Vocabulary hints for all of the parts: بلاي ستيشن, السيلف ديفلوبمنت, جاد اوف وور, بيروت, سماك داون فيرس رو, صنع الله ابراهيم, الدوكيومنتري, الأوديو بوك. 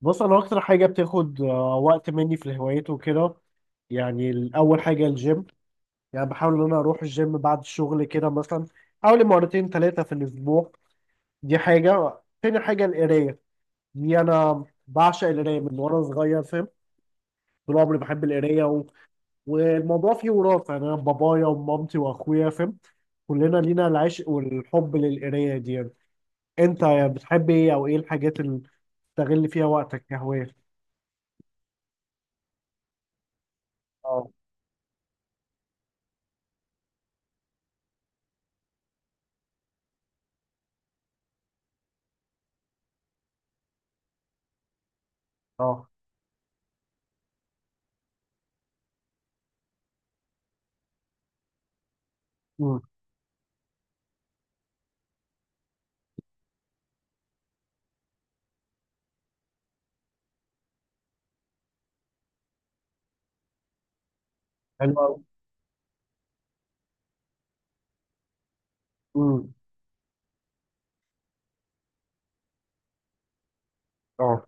بص انا اكتر حاجه بتاخد وقت مني في الهوايات وكده. يعني الاول حاجه الجيم. يعني بحاول ان انا اروح الجيم بعد الشغل كده مثلا حوالي مرتين ثلاثه في الاسبوع. دي حاجه، تاني حاجه القرايه. دي انا بعشق القرايه من وانا صغير، فاهم؟ طول عمري بحب القرايه والموضوع فيه وراثه، يعني انا بابايا ومامتي واخويا، فاهم؟ كلنا لينا العشق والحب للقرايه دي يعني. انت بتحب ايه او ايه الحاجات اللي بتستغل فيها وقتك كهوايه؟ اه. اه. امم. حلو أوي. امم. اه،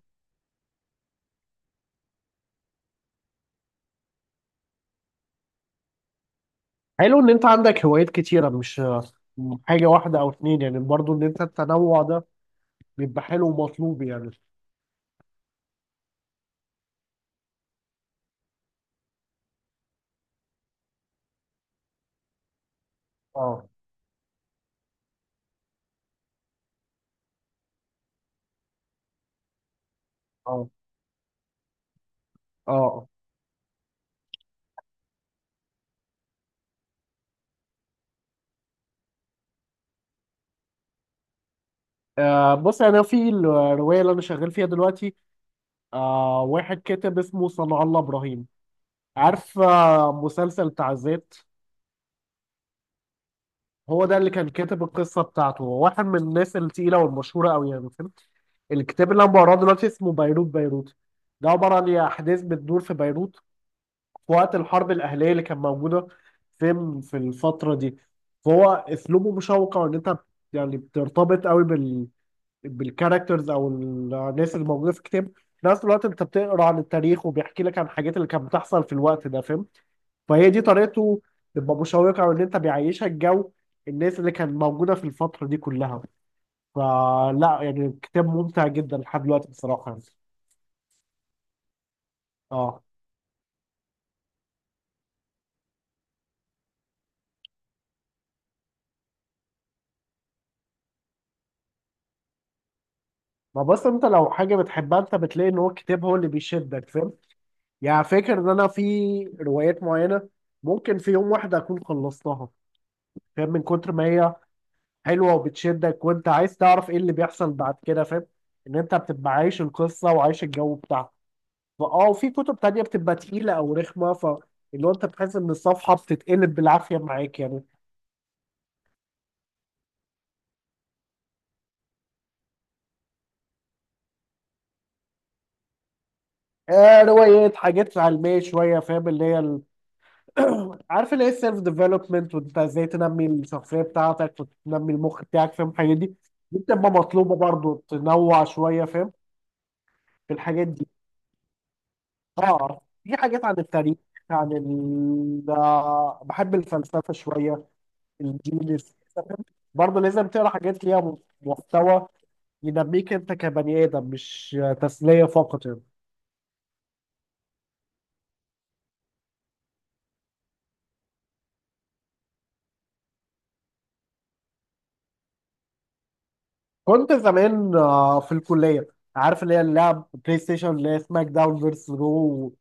حلو ان انت عندك هوايات كتيره، مش حاجه واحده او اتنين، يعني برضو ان انت التنوع ده بيبقى حلو ومطلوب يعني. اه. اه. اه. آه. آه، بص انا في الروايه اللي انا شغال فيها دلوقتي، آه، واحد كاتب اسمه صنع الله ابراهيم. عارف آه مسلسل بتاع ذات؟ هو ده اللي كان كاتب القصه بتاعته. هو واحد من الناس التقيله والمشهوره قوي، يعني فهمت؟ الكتاب اللي انا بقراه دلوقتي اسمه بيروت بيروت. ده عباره عن احداث بتدور في بيروت في وقت الحرب الأهلية اللي كانت موجودة فين في الفترة دي. فهو أسلوبه مشوق، وإن أنت يعني بترتبط قوي بالكاركترز أو الناس اللي موجودة في الكتاب. في نفس الوقت أنت بتقرأ عن التاريخ وبيحكي لك عن الحاجات اللي كانت بتحصل في الوقت ده، فاهم؟ فهي دي طريقته، تبقى مشوقة وإن أنت بيعيشك جو الناس اللي كانت موجودة في الفترة دي كلها. فلا يعني الكتاب ممتع جدا لحد دلوقتي بصراحة يعني. اه. ما بس انت لو حاجة بتحبها انت بتلاقي ان هو الكتاب هو اللي بيشدك، فاهم؟ يعني فاكر ان انا في روايات معينه ممكن في يوم واحد اكون خلصتها، فاهم؟ من كتر ما هي حلوه وبتشدك وانت عايز تعرف ايه اللي بيحصل بعد كده، فاهم؟ ان انت بتبقى عايش القصه وعايش الجو بتاعها. فاه، وفي كتب تانية بتبقى تقيله او رخمه، ف اللي هو انت بتحس ان الصفحه بتتقلب بالعافيه معاك يعني. آه، روايات، حاجات علميه شويه، فاهم؟ اللي هي عارف اللي هي السيلف ديفلوبمنت، وانت ازاي تنمي الشخصيه بتاعتك وتنمي المخ بتاعك، فاهم؟ الحاجات دي. دي بتبقى مطلوبه برضو، تنوع شويه فاهم في الحاجات دي. اه في حاجات عن التاريخ، عن ال بحب الفلسفه شويه، الجينيس. برضه لازم تقرا حاجات ليها محتوى ينميك انت كبني ادم، مش تسليه فقط يعني. كنت زمان في الكليه، عارف اللي هي اللعب بلاي ستيشن، اللي هي سماك داون فيرس رو،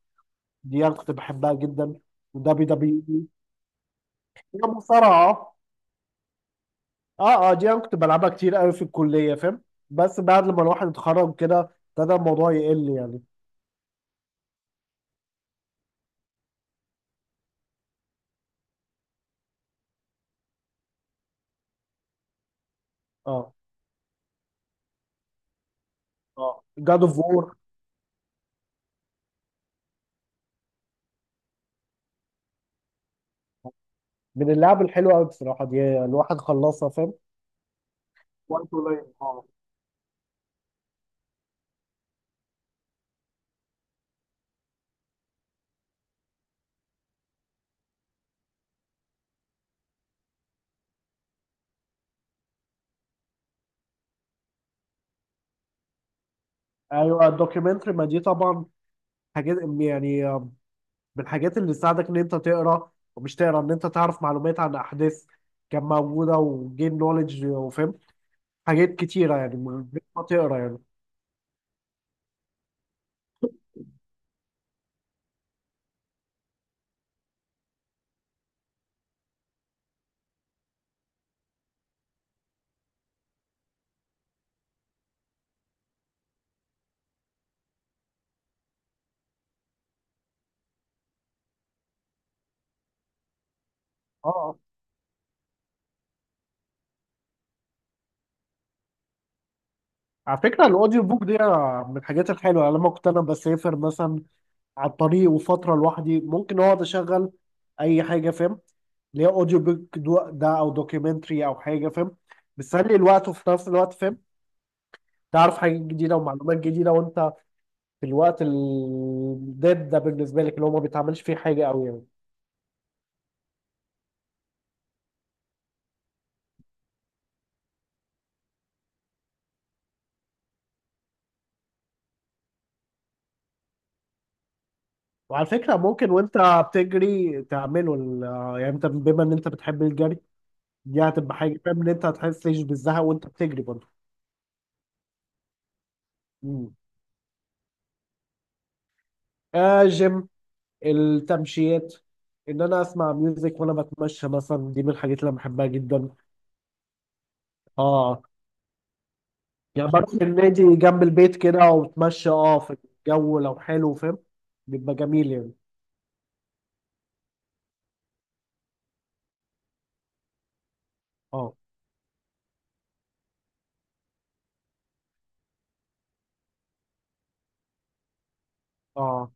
دي انا كنت بحبها جدا. ودبي دبي، هي مصارعه. اه. اه، دي انا كنت بلعبها كتير قوي في الكليه، فاهم؟ بس بعد لما الواحد اتخرج كده ابتدى الموضوع يقل يعني. اه. اه، جاد اوف وور، من اللعب الحلوه قوي بصراحه، دي الواحد خلصها، فاهم؟ وقت قليل. اه، ايوه الدوكيومنتري، ما دي طبعا حاجات يعني، من الحاجات اللي تساعدك ان انت تقرا ومش تقرا، ان انت تعرف معلومات عن احداث كان موجوده، وجين نوليدج، وفاهم حاجات كتيره يعني من غير ما تقرا يعني. اه، على فكرة الأوديو بوك دي من الحاجات الحلوة. لما كنت أنا بسافر مثلا على الطريق وفترة لوحدي، ممكن أقعد أشغل أي حاجة، فاهم؟ اللي هي أوديو بوك ده، أو دوكيومنتري أو حاجة، فاهم؟ بتسلي الوقت، وفي نفس الوقت فاهم تعرف حاجات جديدة ومعلومات جديدة، وأنت في الوقت الداد ده بالنسبة لك اللي هو ما بيتعملش فيه حاجة أوي يعني. وعلى فكرة ممكن وأنت بتجري تعمله يعني أنت بما إن أنت بتحب الجري، دي هتبقى حاجة، فاهم؟ إن أنت هتحسش بالزهق وأنت بتجري برضه. مم. آه، جيم، التمشيات، ان انا اسمع ميوزك وانا بتمشى مثلا، دي من الحاجات اللي انا بحبها جدا. اه، يعني بروح النادي جنب البيت كده وبتمشى اه في الجو لو حلو، فاهم؟ بيبقى جميل يعني. اه. اه،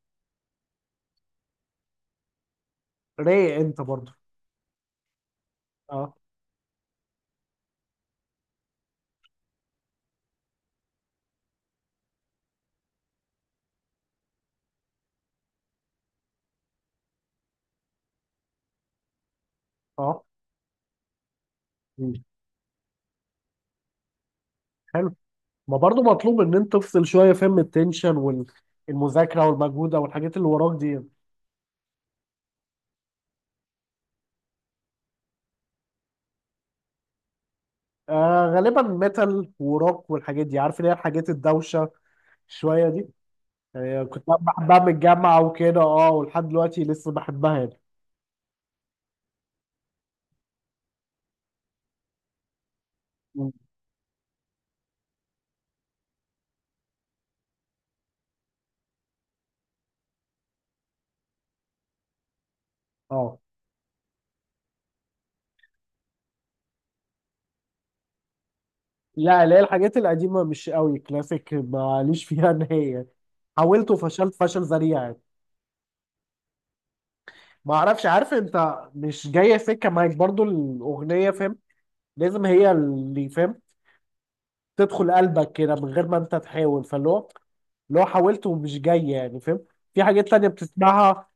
رايق انت برضو. اه. اه. مم. حلو. ما برضو مطلوب ان انت تفصل شويه، فاهم؟ من التنشن والمذاكره والمجهوده والحاجات اللي وراك دي. آه غالبا ميتال وروك والحاجات دي، عارف اللي هي الحاجات الدوشه شويه دي. هي كنت بحبها من الجامعة وكده، اه، ولحد دلوقتي لسه بحبها يعني. مم. اه. لا، اللي هي الحاجات القديمة مش قوي، كلاسيك ماليش فيها نهائي. حاولت وفشلت فشل ذريع يعني. ما اعرفش، عارف انت مش جاية سكة معاك برضو الأغنية، فاهم؟ لازم هي اللي فاهم تدخل قلبك كده من غير ما انت تحاول، فاللي هو اللي هو حاولت ومش جاي يعني، فاهم؟ في حاجات تانية بتسمعها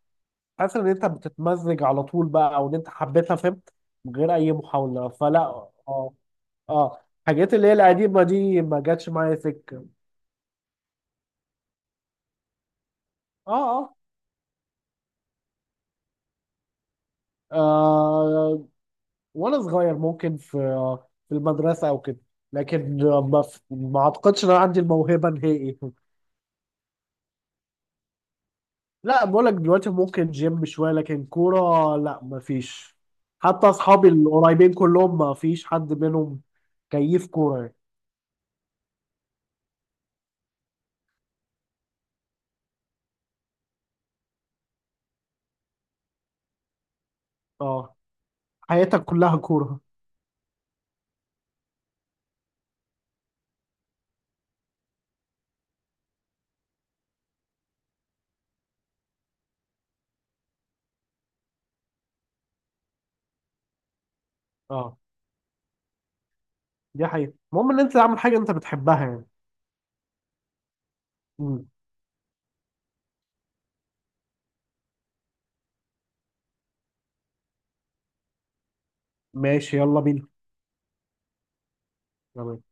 حاسس ان انت بتتمزج على طول بقى، او ان انت حبيتها، فاهم؟ من غير اي محاولة. فلا. اه. اه، الحاجات اللي هي القديمه دي ما جاتش معايا سكه. اه. اه. آه، وانا صغير ممكن في في المدرسه او كده، لكن ما اعتقدش ان انا عندي الموهبه نهائي. لا بقول لك دلوقتي ممكن جيم شويه، لكن كوره لا ما فيش. حتى اصحابي القريبين كلهم ما فيش حد منهم كيف كوره يعني. اه، حياتك كلها كوره. اه، دي حقيقه، المهم ان انت تعمل حاجه انت بتحبها يعني. مم. ماشي، يلا بينا. تمام.